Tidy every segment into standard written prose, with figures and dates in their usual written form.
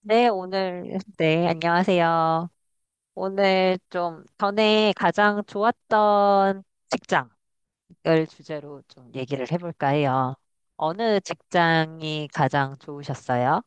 네, 오늘, 네, 안녕하세요. 오늘 좀 전에 가장 좋았던 직장을 주제로 좀 얘기를 해볼까 해요. 어느 직장이 가장 좋으셨어요?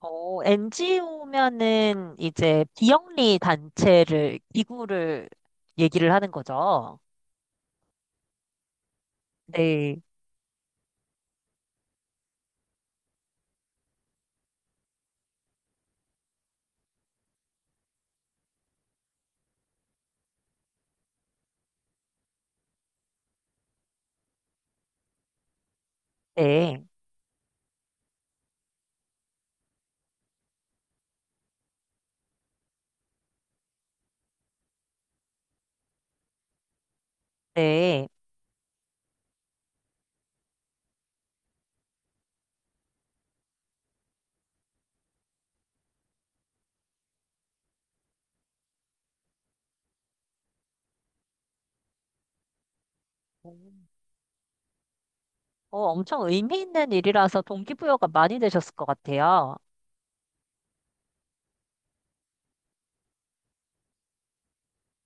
NGO면은 이제 비영리 단체를, 기구를 얘기를 하는 거죠. 네, 네, 네. 엄청 의미 있는 일이라서 동기부여가 많이 되셨을 것 같아요.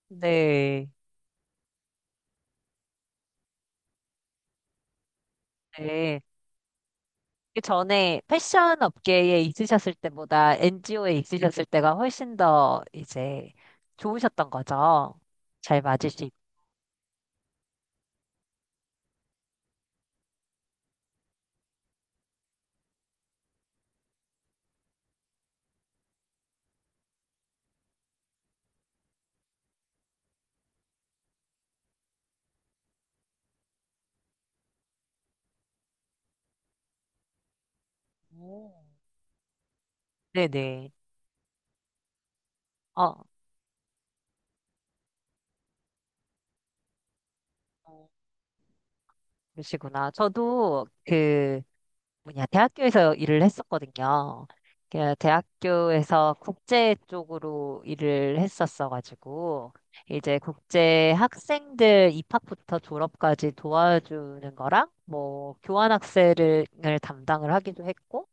네, 네. 그 전에 패션 업계에 있으셨을 때보다 NGO에 있으셨을 때가 훨씬 더 이제 좋으셨던 거죠. 잘 맞을 수 있고. 네네. 어, 어, 그러시구나. 저도 그 뭐냐, 대학교에서 일을 했었거든요. 그 대학교에서 국제 쪽으로 일을 했었어가지고, 이제 국제 학생들 입학부터 졸업까지 도와주는 거랑, 뭐, 교환학생을 담당을 하기도 했고,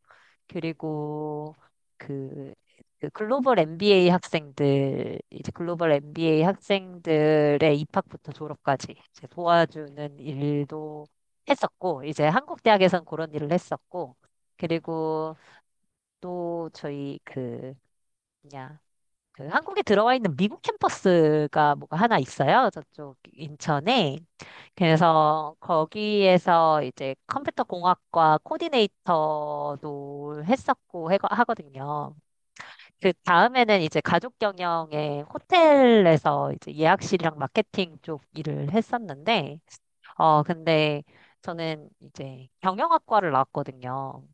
그리고 그, 그 글로벌 MBA 학생들, 이제 글로벌 MBA 학생들의 입학부터 졸업까지 이제 도와주는 일도 했었고, 이제 한국 대학에선 그런 일을 했었고, 그리고 또 저희 그, 뭐냐, 그 한국에 들어와 있는 미국 캠퍼스가 뭐가 하나 있어요. 저쪽 인천에. 그래서 거기에서 이제 컴퓨터 공학과 코디네이터도 했었고 하거든요. 그 다음에는 이제 가족 경영의 호텔에서 이제 예약실이랑 마케팅 쪽 일을 했었는데, 근데 저는 이제 경영학과를 나왔거든요.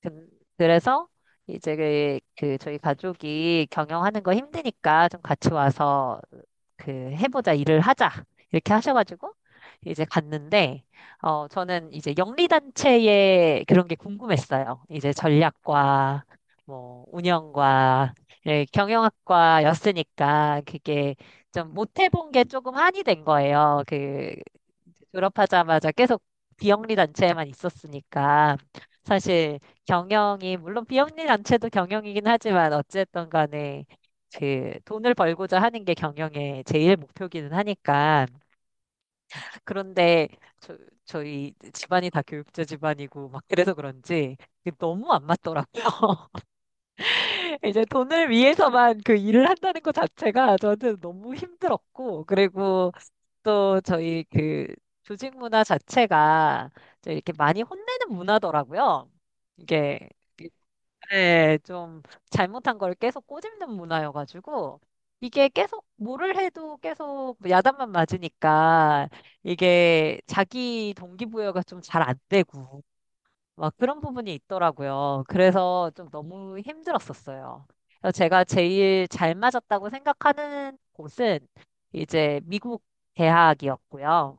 그, 그래서 이제 그 저희 가족이 경영하는 거 힘드니까 좀 같이 와서 그 해보자 일을 하자 이렇게 하셔가지고 이제 갔는데 저는 이제 영리단체의 그런 게 궁금했어요. 이제 전략과 뭐 운영과 예, 경영학과였으니까 그게 좀 못 해본 게 조금 한이 된 거예요. 그 졸업하자마자 계속 비영리 단체에만 있었으니까 사실 경영이 물론 비영리 단체도 경영이긴 하지만 어쨌든 간에 그 돈을 벌고자 하는 게 경영의 제일 목표기는 하니까 그런데 저, 저희 집안이 다 교육자 집안이고 막 그래서 그런지 이게 너무 안 맞더라고요. 이제 돈을 위해서만 그 일을 한다는 것 자체가 저한테 너무 힘들었고 그리고 또 저희 그 조직 문화 자체가 좀 이렇게 많이 혼내는 문화더라고요. 이게 네, 좀 잘못한 걸 계속 꼬집는 문화여가지고 이게 계속 뭐를 해도 계속 야단만 맞으니까 이게 자기 동기부여가 좀 잘 안 되고 막 그런 부분이 있더라고요. 그래서 좀 너무 힘들었었어요. 그래서 제가 제일 잘 맞았다고 생각하는 곳은 이제 미국 대학이었고요.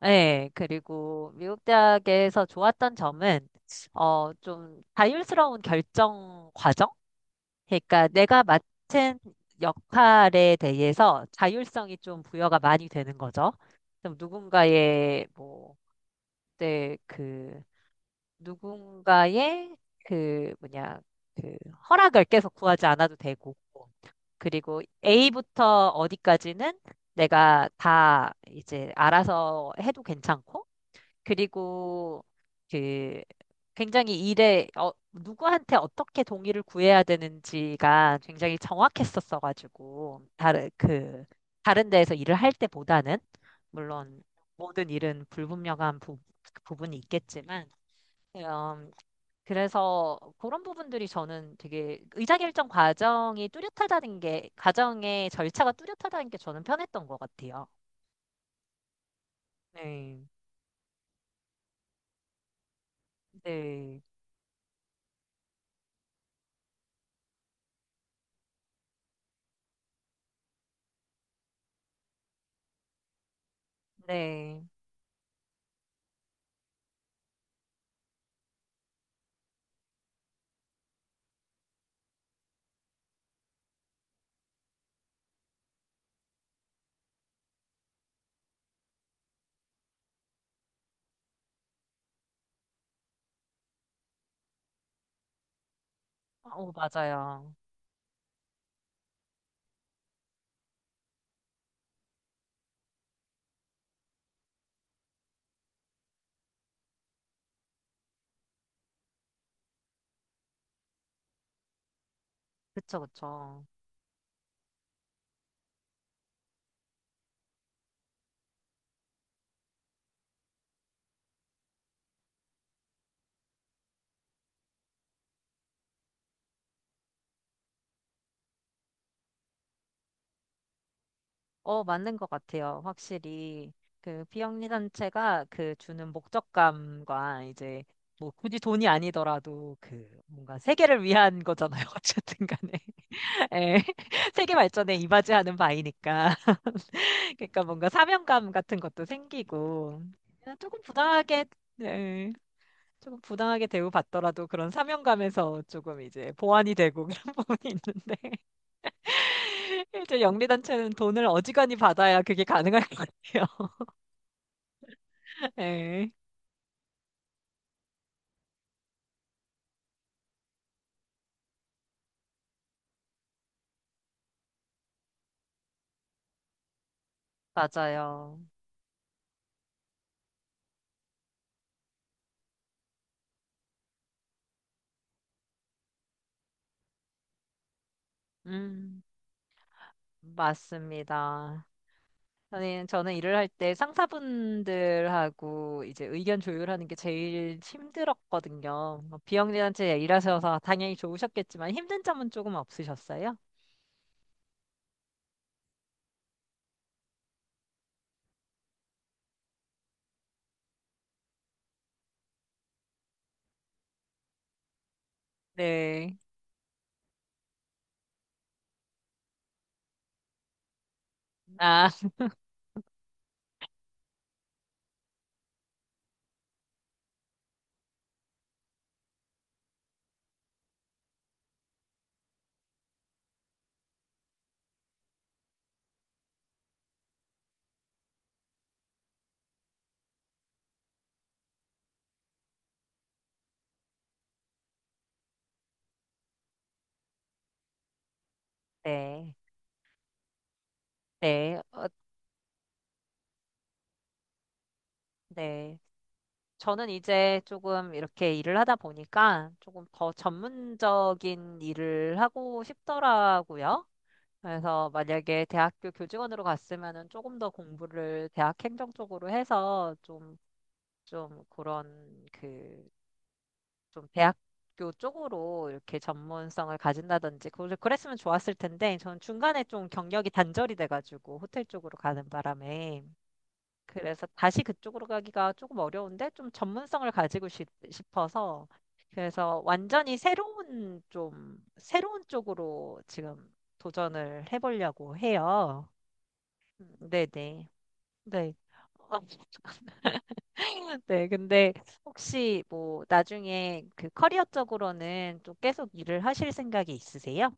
네, 그리고 미국 대학에서 좋았던 점은, 좀 자율스러운 결정 과정? 그러니까 내가 맡은 역할에 대해서 자율성이 좀 부여가 많이 되는 거죠. 좀 누군가의, 뭐, 네, 그, 누군가의 그, 뭐냐, 그, 허락을 계속 구하지 않아도 되고, 그리고 A부터 어디까지는 내가 다 이제 알아서 해도 괜찮고, 그리고 그 굉장히 일에 누구한테 어떻게 동의를 구해야 되는지가 굉장히 정확했었어가지고 다른 그 다른 데에서 일을 할 때보다는 물론 모든 일은 불분명한 부분이 있겠지만 음, 그래서 그런 부분들이 저는 되게 의사결정 과정이 뚜렷하다는 게 과정의 절차가 뚜렷하다는 게 저는 편했던 것 같아요. 네, 네, 네. 맞아요. 그쵸, 그쵸. 맞는 것 같아요. 확실히. 그 비영리단체가 그 주는 목적감과 이제 뭐 굳이 돈이 아니더라도 그 뭔가 세계를 위한 거잖아요. 어쨌든 간에. 예. 세계 발전에 이바지하는 바이니까. 그러니까 뭔가 사명감 같은 것도 생기고. 그냥 조금 부당하게, 예. 조금 부당하게 대우받더라도 그런 사명감에서 조금 이제 보완이 되고 그런 부분이 있는데. 이제 영리단체는 돈을 어지간히 받아야 그게 가능할 것 같아요. 네, 맞아요. 음, 맞습니다. 저는 일을 할 때 상사분들하고 이제 의견 조율하는 게 제일 힘들었거든요. 뭐 비영리단체에 일하셔서 당연히 좋으셨겠지만 힘든 점은 조금 없으셨어요? 네. 아, 네. 네. 네. 저는 이제 조금 이렇게 일을 하다 보니까 조금 더 전문적인 일을 하고 싶더라고요. 그래서 만약에 대학교 교직원으로 갔으면은 조금 더 공부를 대학 행정 쪽으로 해서 좀 그런 그, 좀 대학교 쪽으로 이렇게 전문성을 가진다든지 그랬으면 좋았을 텐데 저는 중간에 좀 경력이 단절이 돼가지고 호텔 쪽으로 가는 바람에 그래서 다시 그쪽으로 가기가 조금 어려운데 좀 전문성을 가지고 싶어서 그래서 완전히 새로운 좀 새로운 쪽으로 지금 도전을 해보려고 해요. 네네. 네. 어, 네, 근데 혹시 뭐 나중에 그 커리어적으로는 또 계속 일을 하실 생각이 있으세요?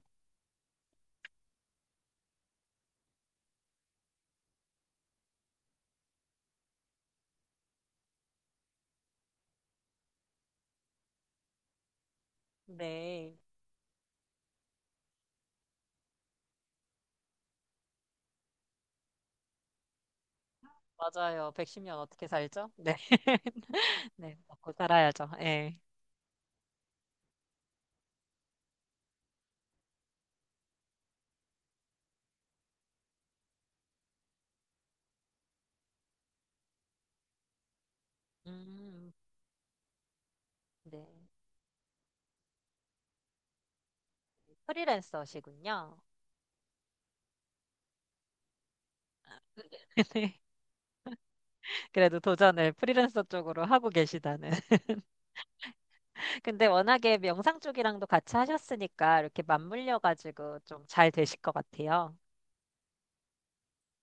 네, 맞아요. 110년 어떻게 살죠? 네, 네, 먹고 살아야죠. 네. 음, 네. 프리랜서시군요. 네. 그래도 도전을 프리랜서 쪽으로 하고 계시다는. 근데 워낙에 영상 쪽이랑도 같이 하셨으니까 이렇게 맞물려가지고 좀 잘 되실 것 같아요.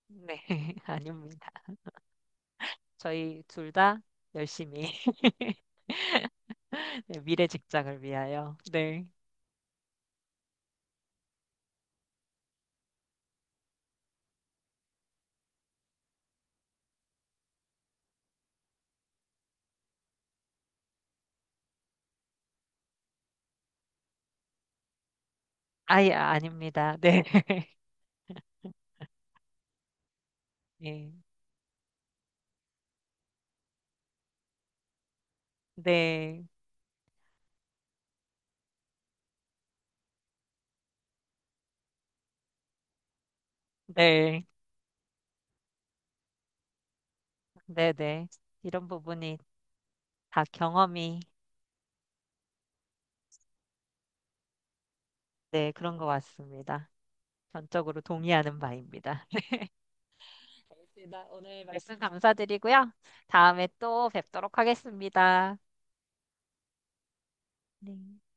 네, 아닙니다. 저희 둘 다 열심히 네, 미래 직장을 위하여. 네. 아예 아닙니다. 네. 네. 네. 네. 네. 네. 이런 부분이 다 경험이 네, 그런 것 같습니다. 전적으로 동의하는 바입니다. 알겠습니다. 오늘 말씀 감사드리고요. 다음에 또 뵙도록 하겠습니다. 네.